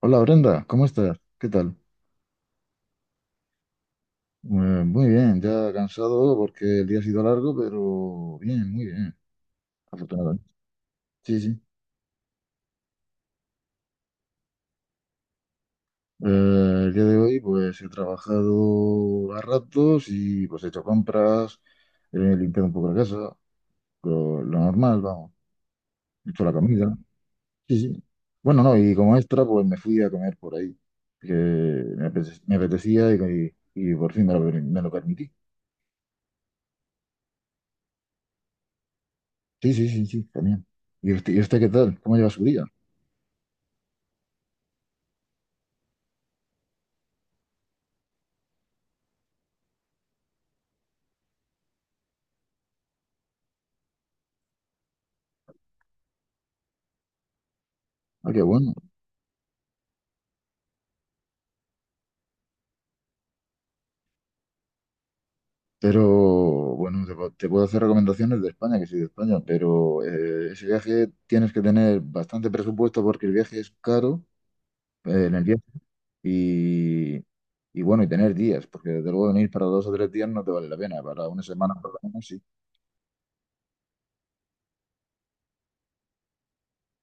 Hola Brenda, ¿cómo estás? ¿Qué tal? Muy bien, ya cansado porque el día ha sido largo, pero bien, muy bien, afortunadamente. Sí, sí. El día de hoy pues he trabajado a ratos y pues he hecho compras, he limpiado un poco la casa, lo normal, vamos, he hecho la comida. Sí, sí. Bueno, no, y como extra pues me fui a comer por ahí, que me apetecía y por fin me lo permití. Sí, sí, sí, sí, también. Y usted qué tal? ¿Cómo lleva su día? Ah, qué bueno. Pero bueno, te puedo hacer recomendaciones de España, que soy de España, pero ese viaje tienes que tener bastante presupuesto porque el viaje es caro, en el viaje y, y bueno, y tener días, porque desde luego venir para 2 o 3 días no te vale la pena, para 1 semana por lo menos sí.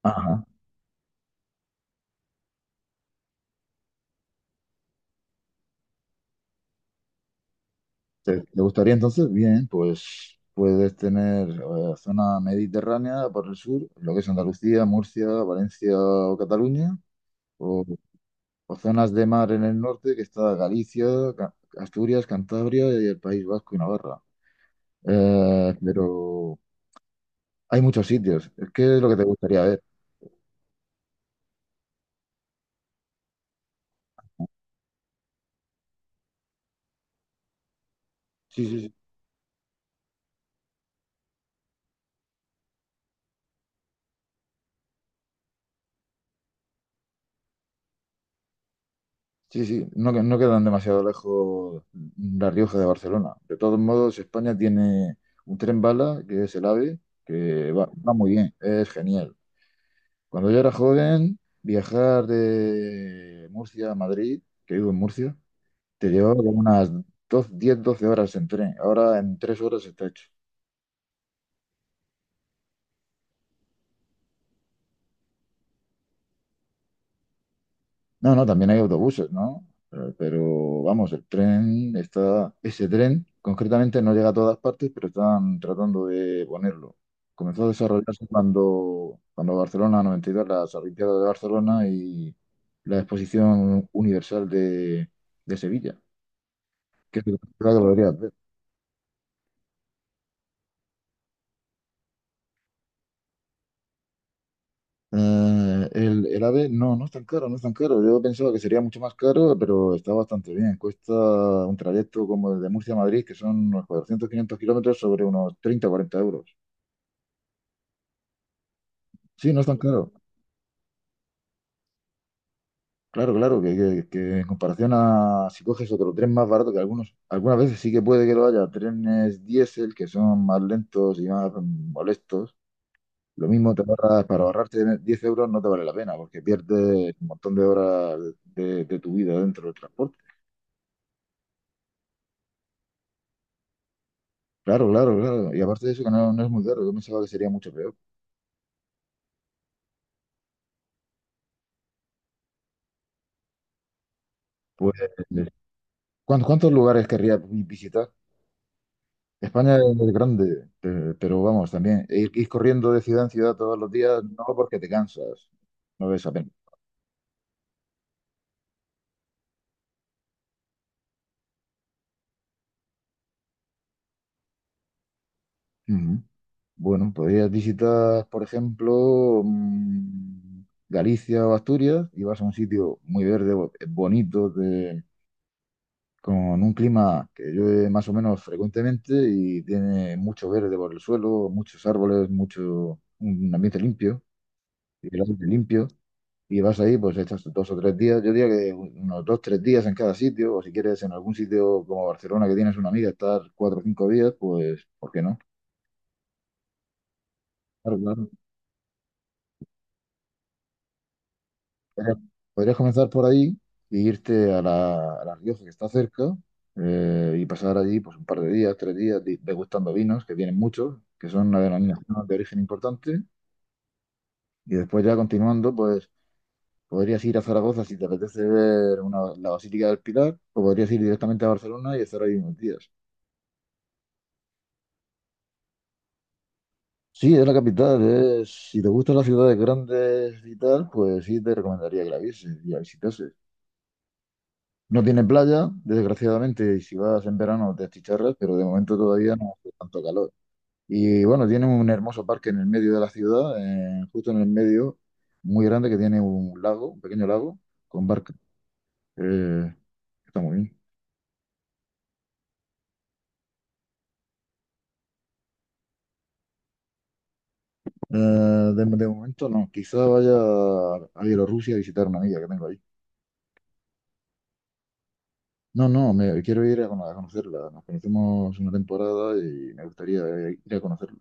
Ajá. ¿Te gustaría entonces? Bien, pues puedes tener zona mediterránea por el sur, lo que es Andalucía, Murcia, Valencia o Cataluña, o zonas de mar en el norte, que está Galicia, Asturias, Cantabria y el País Vasco y Navarra. Pero hay muchos sitios. ¿Qué es lo que te gustaría ver? Sí, sí, sí. Sí, sí. No, no quedan demasiado lejos La Rioja de Barcelona. De todos modos, España tiene un tren bala, que es el AVE, que va muy bien, es genial. Cuando yo era joven, viajar de Murcia a Madrid, que vivo en Murcia, te llevaba como unas dos, 10 12 horas en tren. Ahora en 3 horas está hecho. No, no, también hay autobuses, ¿no? Vamos, el tren está. Ese tren concretamente no llega a todas partes, pero están tratando de ponerlo. Comenzó a desarrollarse cuando Barcelona 92, las Olimpiadas de Barcelona y la Exposición Universal de Sevilla, que es lo que lo deberías ver. El AVE no, no es tan caro, no es tan caro. Yo pensaba que sería mucho más caro, pero está bastante bien. Cuesta un trayecto como el de Murcia a Madrid, que son unos 400-500 kilómetros sobre unos 30-40 euros. Sí, no es tan caro. Claro, claro, que en comparación a si coges otro tren más barato, que algunos, algunas veces sí que puede que lo haya, trenes diésel que son más lentos y más molestos. Lo mismo te ahorras, para ahorrarte 10 euros no te vale la pena, porque pierdes un montón de horas de tu vida dentro del transporte. Claro, claro, claro. Y aparte de eso, que no, no es muy caro. Yo pensaba que sería mucho peor. Pues, ¿cuántos lugares visitar? España es grande, pero, vamos, también ir corriendo de ciudad en ciudad todos los días, no porque te cansas. No ves apenas. Ujú. Bueno, podrías visitar, por ejemplo, Galicia o Asturias y vas a un sitio muy verde, bonito, con un clima que llueve más o menos frecuentemente y tiene mucho verde por el suelo, muchos árboles, mucho, un ambiente limpio, y el aire limpio, y vas ahí, pues estás 2 o 3 días, yo diría que unos 2, 3 días en cada sitio, o si quieres en algún sitio como Barcelona que tienes una amiga, estar 4 o 5 días, pues, ¿por qué no? Claro, claro. Podrías, podrías comenzar por ahí e irte a a La Rioja, que está cerca, y pasar allí pues, un par de días, 3 días, degustando vinos, que tienen muchos, que son una denominación de origen importante. Y después ya continuando, pues podrías ir a Zaragoza si te apetece ver la Basílica del Pilar, o podrías ir directamente a Barcelona y estar ahí unos días. Sí, es la capital, si te gustan las ciudades grandes y tal, pues sí te recomendaría que la vieses y la visitases. No tiene playa, desgraciadamente, y si vas en verano te achicharras, pero de momento todavía no hace tanto calor. Y bueno, tiene un hermoso parque en el medio de la ciudad, justo en el medio, muy grande, que tiene un lago, un pequeño lago, con barca. Eh, Está muy bien. Eh, de momento no, quizá vaya a Bielorrusia a visitar una amiga que tengo ahí. No, no, quiero ir a conocerla. Nos conocemos una temporada y me gustaría ir a conocerla.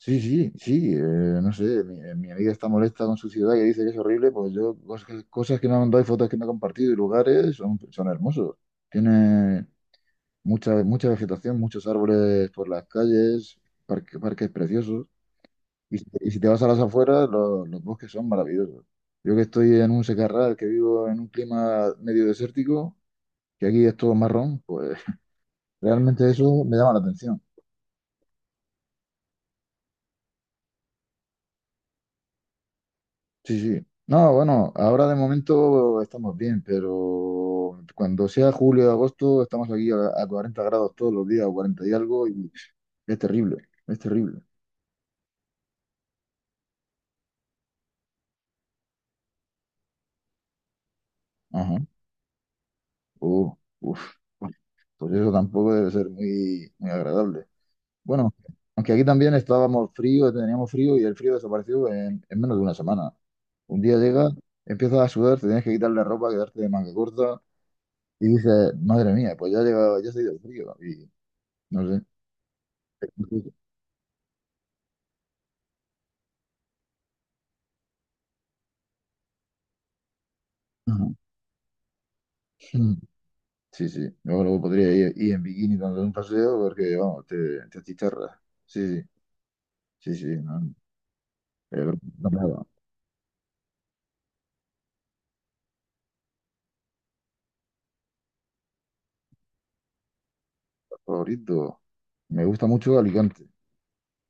Sí, sí, sí, no sé, mi amiga está molesta con su ciudad y dice que es horrible, pues yo cosas que me ha mandado y fotos que me ha compartido y lugares son, son hermosos. Tiene mucha, mucha vegetación, muchos árboles por las calles, parques preciosos. Y si te vas a las afueras, los bosques son maravillosos. Yo que estoy en un secarral, que vivo en un clima medio desértico, que aquí es todo marrón, pues realmente eso me llama la atención. Sí, sí. No, bueno, ahora de momento estamos bien, pero cuando sea julio o agosto estamos aquí a 40 grados todos los días, o 40 y algo, y es terrible, es terrible. Ajá. Uh, Uf. Pues eso tampoco debe ser muy, muy agradable. Bueno, aunque aquí también estábamos frío, teníamos frío y el frío desapareció en menos de una semana. Un día llega, empiezas a sudar, te tienes que quitar la ropa, quedarte de manga corta y dices, madre mía, pues ya ha llegado, ya se ha ido el frío. Y no sé. Ujú. Ujú. Sí, sí. Yo luego podría ir en bikini dando un paseo porque, vamos, te achicharras. Sí, sí, sí, sí. No, pero no me da. Favorito. Me gusta mucho Alicante,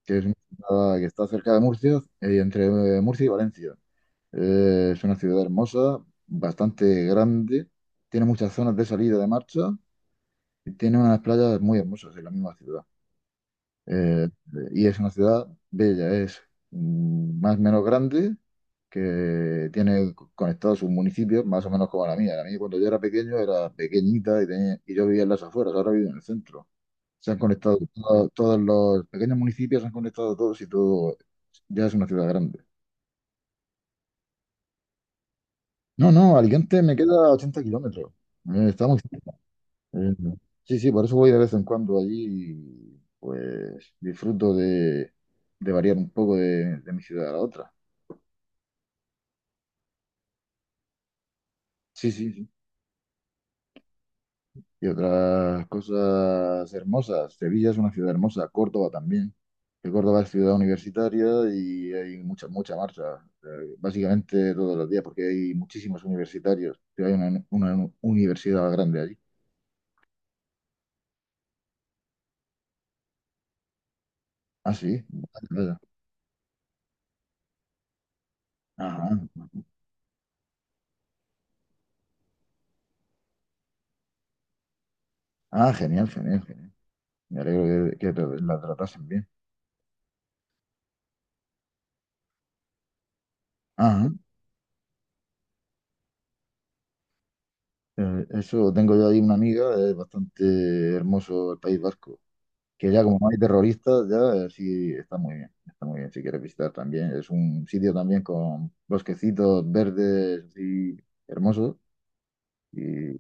que es una ciudad que está cerca de Murcia, entre Murcia y Valencia. Es una ciudad hermosa, bastante grande, tiene muchas zonas de salida de marcha y tiene unas playas muy hermosas en la misma ciudad. Eh, y es una ciudad bella, es más o menos grande, que tiene conectados sus municipios, más o menos como la mía. La mía cuando yo era pequeño era pequeñita y yo vivía en las afueras, ahora vivo en el centro. Se han conectado todos los pequeños municipios, se han conectado todos y todo ya es una ciudad grande. No, no, Alicante me queda 80 kilómetros. Está muy cerca. Ujú. Sí, sí, por eso voy de vez en cuando allí y pues disfruto de variar un poco de mi ciudad a la otra. Sí, sí, sí. Y otras cosas hermosas. Sevilla es una ciudad hermosa, Córdoba también. Que Córdoba es ciudad universitaria y hay mucha, mucha marcha, básicamente todos los días, porque hay muchísimos universitarios. Que hay una universidad grande allí. Ah, sí. Vaya, vaya. Ajá. Ah, genial, genial, genial. Me alegro que, la tratasen bien. Ajá. Eso, tengo yo ahí una amiga, es bastante hermoso el País Vasco, que ya como no hay terroristas, sí está muy bien si quieres visitar también. Es un sitio también con bosquecitos verdes así hermosos y,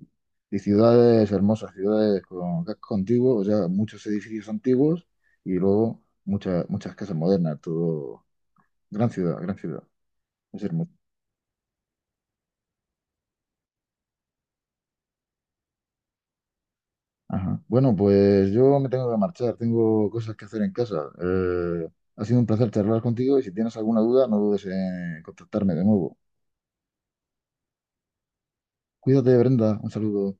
y ciudades hermosas, ciudades con casco antiguo, o sea, muchos edificios antiguos y luego muchas, muchas casas modernas, todo, gran ciudad, es hermoso. Ajá. Bueno, pues yo me tengo que marchar, tengo cosas que hacer en casa. Ha sido un placer charlar contigo y si tienes alguna duda, no dudes en contactarme de nuevo. Cuídate, Brenda, un saludo.